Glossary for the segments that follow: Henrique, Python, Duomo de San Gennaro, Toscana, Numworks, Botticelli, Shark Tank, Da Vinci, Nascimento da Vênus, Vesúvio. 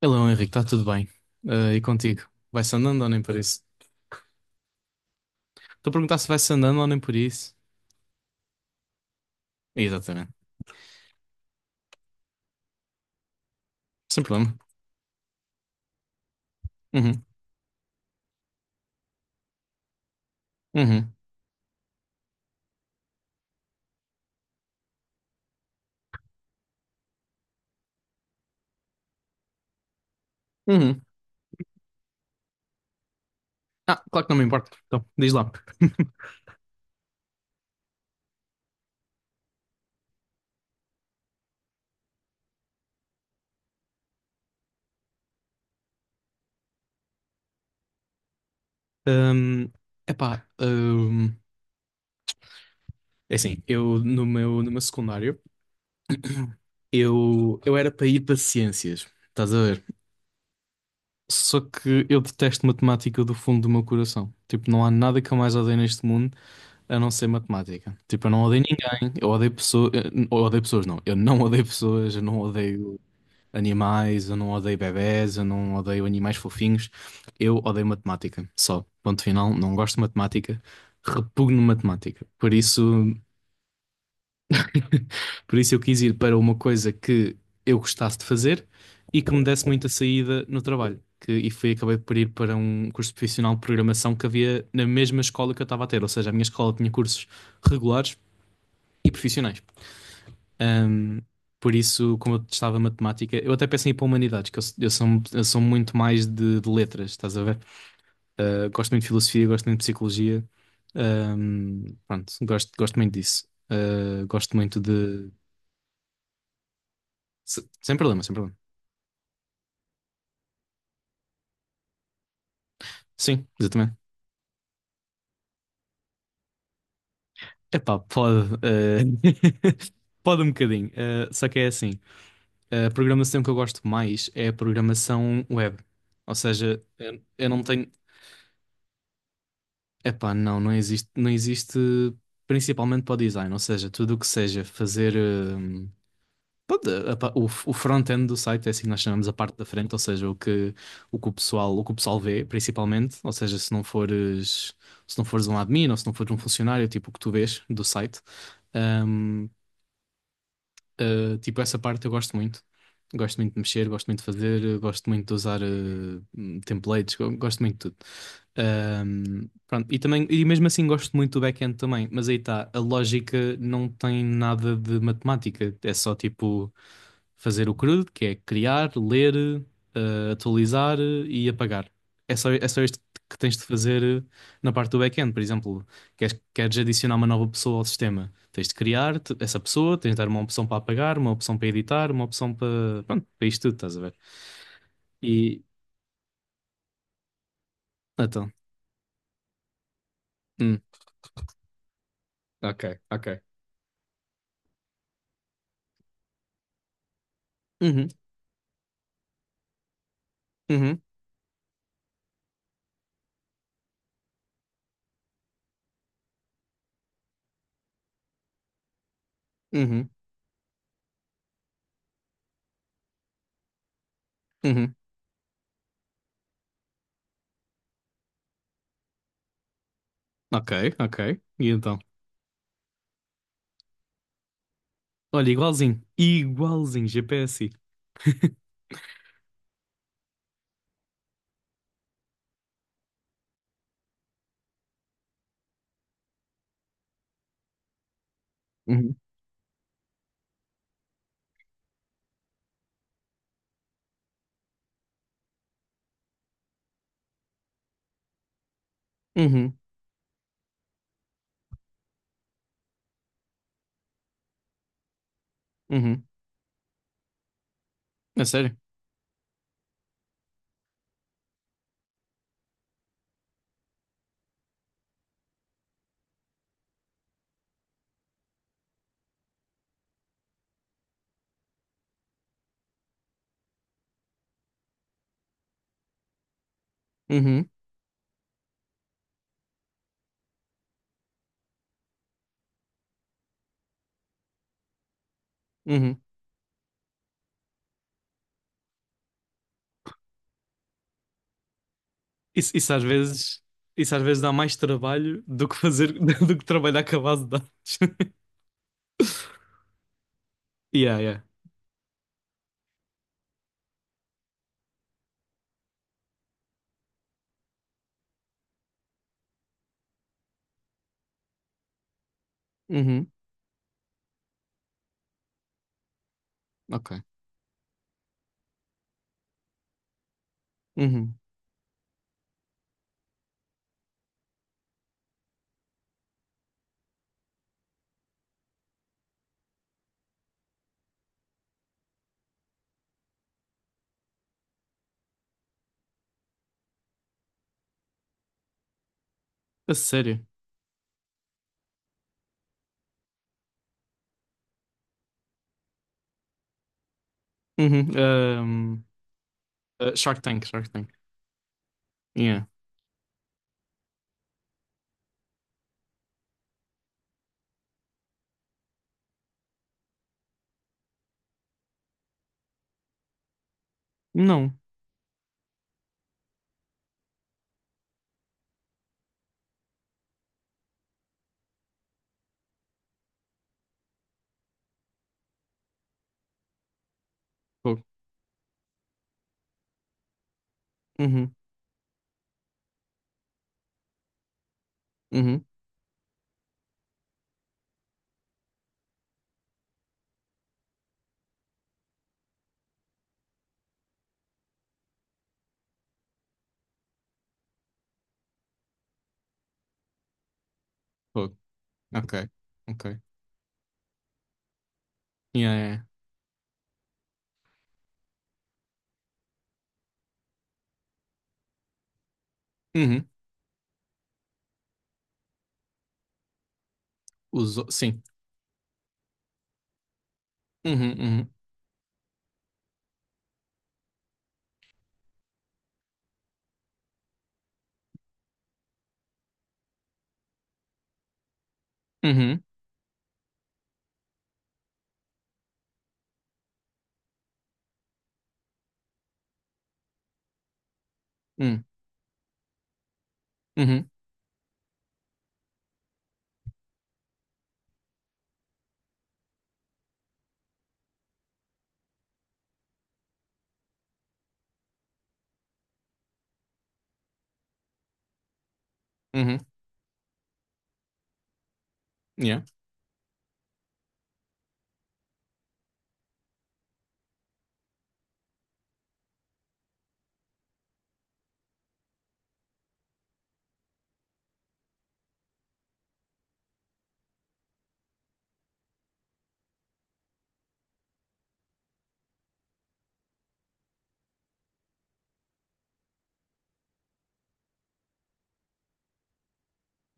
Hello, Henrique, está tudo bem? Ah, e contigo? Vai-se andando ou nem por isso? Estou a perguntar se vai-se andando ou nem por isso. Exatamente. Sem problema. Uhum, uhum, uhum. Ah, claro que não me importa. Então, diz lá. Ahm, epá, é assim, eu no meu secundário, eu era para ir para ciências, estás a ver? Só que eu detesto matemática do fundo do meu coração. Tipo, não há nada que eu mais odeio neste mundo a não ser matemática. Tipo, eu não odeio ninguém, eu odeio pessoas não, eu não odeio pessoas, eu não odeio animais, eu não odeio bebés, eu não odeio animais fofinhos, eu odeio matemática, só. Ponto final, não gosto de matemática, repugno matemática. Por isso, por isso eu quis ir para uma coisa que eu gostasse de fazer e que me desse muita saída no trabalho. Acabei por ir para um curso profissional de programação que havia na mesma escola que eu estava a ter, ou seja, a minha escola tinha cursos regulares e profissionais. Ahm, por isso, como eu testava matemática, eu até pensei em ir para humanidades, que eu sou muito mais de letras, estás a ver? Ah, gosto muito de filosofia, gosto muito de psicologia, pronto, gosto muito disso. Ah, gosto muito de. Sem problema, sem problema. Sim, exatamente. Epá, pode. Pode um bocadinho. Só que é assim: a programação que eu gosto mais é a programação web. Ou seja, eu não tenho. Epá, não, não existe principalmente para o design, ou seja, tudo o que seja fazer pronto, o front-end do site é assim que nós chamamos a parte da frente, ou seja, o que o pessoal vê, principalmente, ou seja, se não fores um admin ou se não fores um funcionário, tipo o que tu vês do site. Hum, Uh, tipo, essa parte eu gosto muito. Gosto muito de mexer, gosto muito de fazer, gosto muito de usar templates, gosto muito de tudo. Pronto, e também, e mesmo assim gosto muito do back-end também, mas aí está, a lógica não tem nada de matemática, é só tipo fazer o crudo, que é criar, ler, atualizar, e apagar. É só isto que tens de fazer, na parte do back-end. Por exemplo, queres adicionar uma nova pessoa ao sistema. Tens de criar essa pessoa, tens de dar uma opção para apagar, uma opção para editar, uma opção para. Pronto, para isto tudo, estás a ver? E. Então. Hum, ok, ok. Uhum, uhum, uhum, uhum. Ok, ok. E então? Olha, igualzinho. Igualzinho, GPS. Uhum, uhum, uhum. É sério? Uhum, uhum. Isso, às vezes. Isso às vezes dá mais trabalho do que fazer. do que trabalhar com a base de dados. Yeah, yeah. Uhum, ok. Uhum. A sério. Uhum. Hum. Shark Tank, Shark Tank. Yeah. Não. Fogo. Uhum. Uhum. Fogo. Ok. Ok. Yeah, yeah, yeah. Uhum. Usou. Sim. Uhum. Uhum. Uhum. Uhum. Uhum. Uhum. Yeah.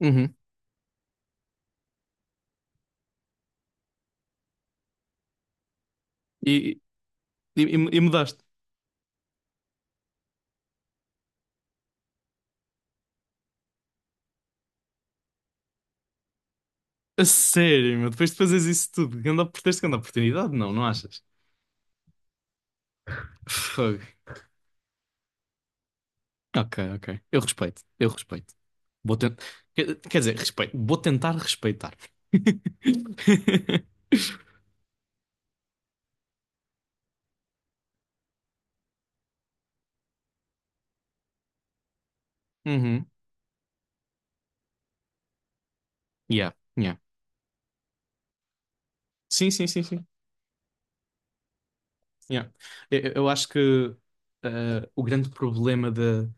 Uhum. E, e mudaste. A sério, meu. Depois de fazeres isso tudo, ganda, tens grande oportunidade? Não, não achas? Fogo. Ok, ok. Eu respeito. Eu respeito. Vou tentar. Quer dizer, respeito. Vou tentar respeitar. Uhum. Yeah. Yeah. Sim, sim, sim, sim. Yeah. Acho que, o grande problema da,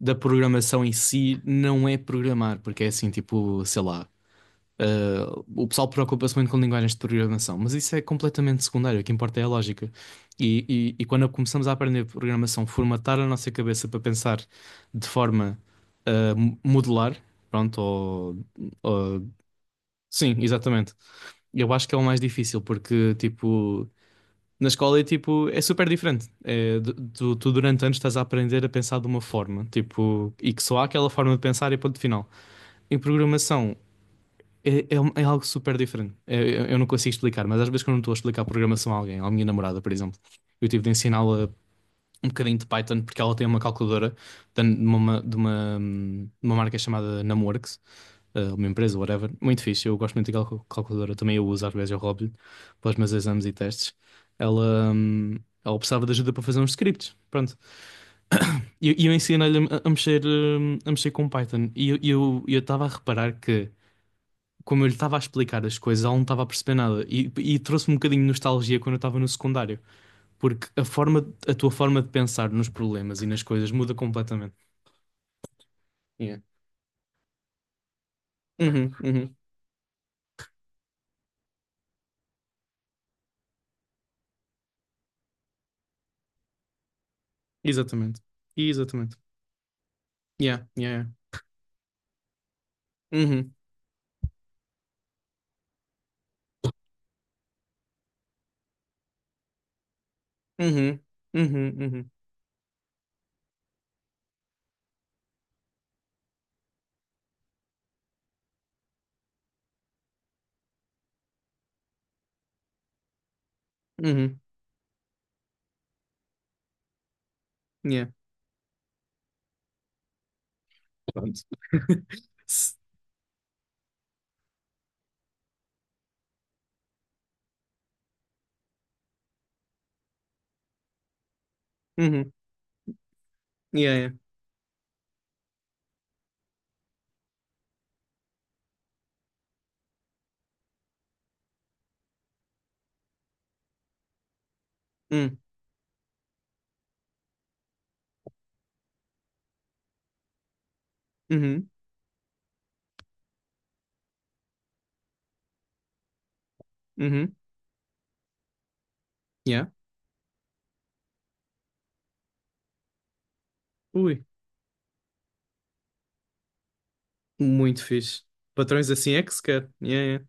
da programação em si não é programar, porque é assim, tipo, sei lá, eh, o pessoal preocupa-se muito com linguagens de programação, mas isso é completamente secundário. O que importa é a lógica. E, e quando começamos a aprender programação, formatar a nossa cabeça para pensar de forma, modular, pronto, ou- sim, exatamente. Eu acho que é o mais difícil, porque, tipo. Na escola é tipo, é super diferente. É, tu durante anos estás a aprender a pensar de uma forma, tipo, e que só há aquela forma de pensar e ponto final. Em programação é algo super diferente. É, eu não consigo explicar, mas às vezes quando eu estou a explicar programação a alguém, à minha namorada, por exemplo, eu tive de ensiná-la um bocadinho de Python, porque ela tem uma calculadora de uma marca chamada Numworks. Uma empresa, whatever. Muito fixe, eu gosto muito daquela calculadora, também eu uso, às vezes eu roubo-lhe para os meus exames e testes. Ela, hum, ela precisava de ajuda para fazer uns scripts, pronto. E eu, ensinei-lhe a mexer com Python. E eu estava a reparar que, como eu lhe estava a explicar as coisas, ela não estava a perceber nada. E trouxe-me um bocadinho de nostalgia, quando eu estava no secundário. Porque a tua forma de pensar nos problemas e nas coisas muda completamente. Yeah. Uhum, uhum. Exatamente. Exatamente. Yeah, yeah, yeah. Uhum, uhum, uhum, uhum, uhum. Yeah. Pronto. S- Uhum. Yeah, yeah. Hum, Uhum, uhum. Yeah. Ui, muito fixe. Patrões assim é que se quer. Yeah, yeah.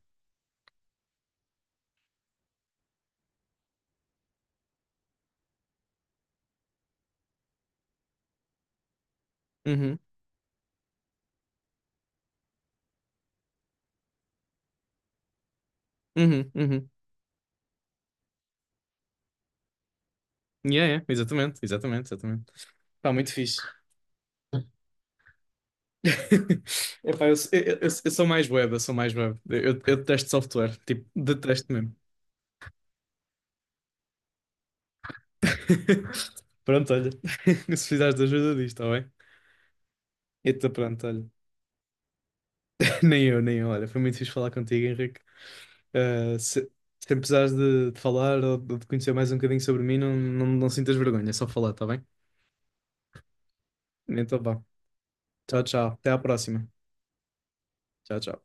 Uhum, uhum, uhum. Yeah, yeah. Exatamente, exatamente, exatamente. Pá, muito fixe. Epá, eu sou mais web, eu sou mais web. Eu detesto software, tipo, detesto mesmo. Pronto, olha, se precisares de ajuda disto, está bem? Então, pronto, olha, nem eu, nem eu, olha, foi muito fixe falar contigo, Henrique. Ah, se precisares de falar ou de conhecer mais um bocadinho sobre mim, não, não, não sintas vergonha, é só falar, está bem? Então, vá, tchau, tchau, até à próxima. Tchau, tchau.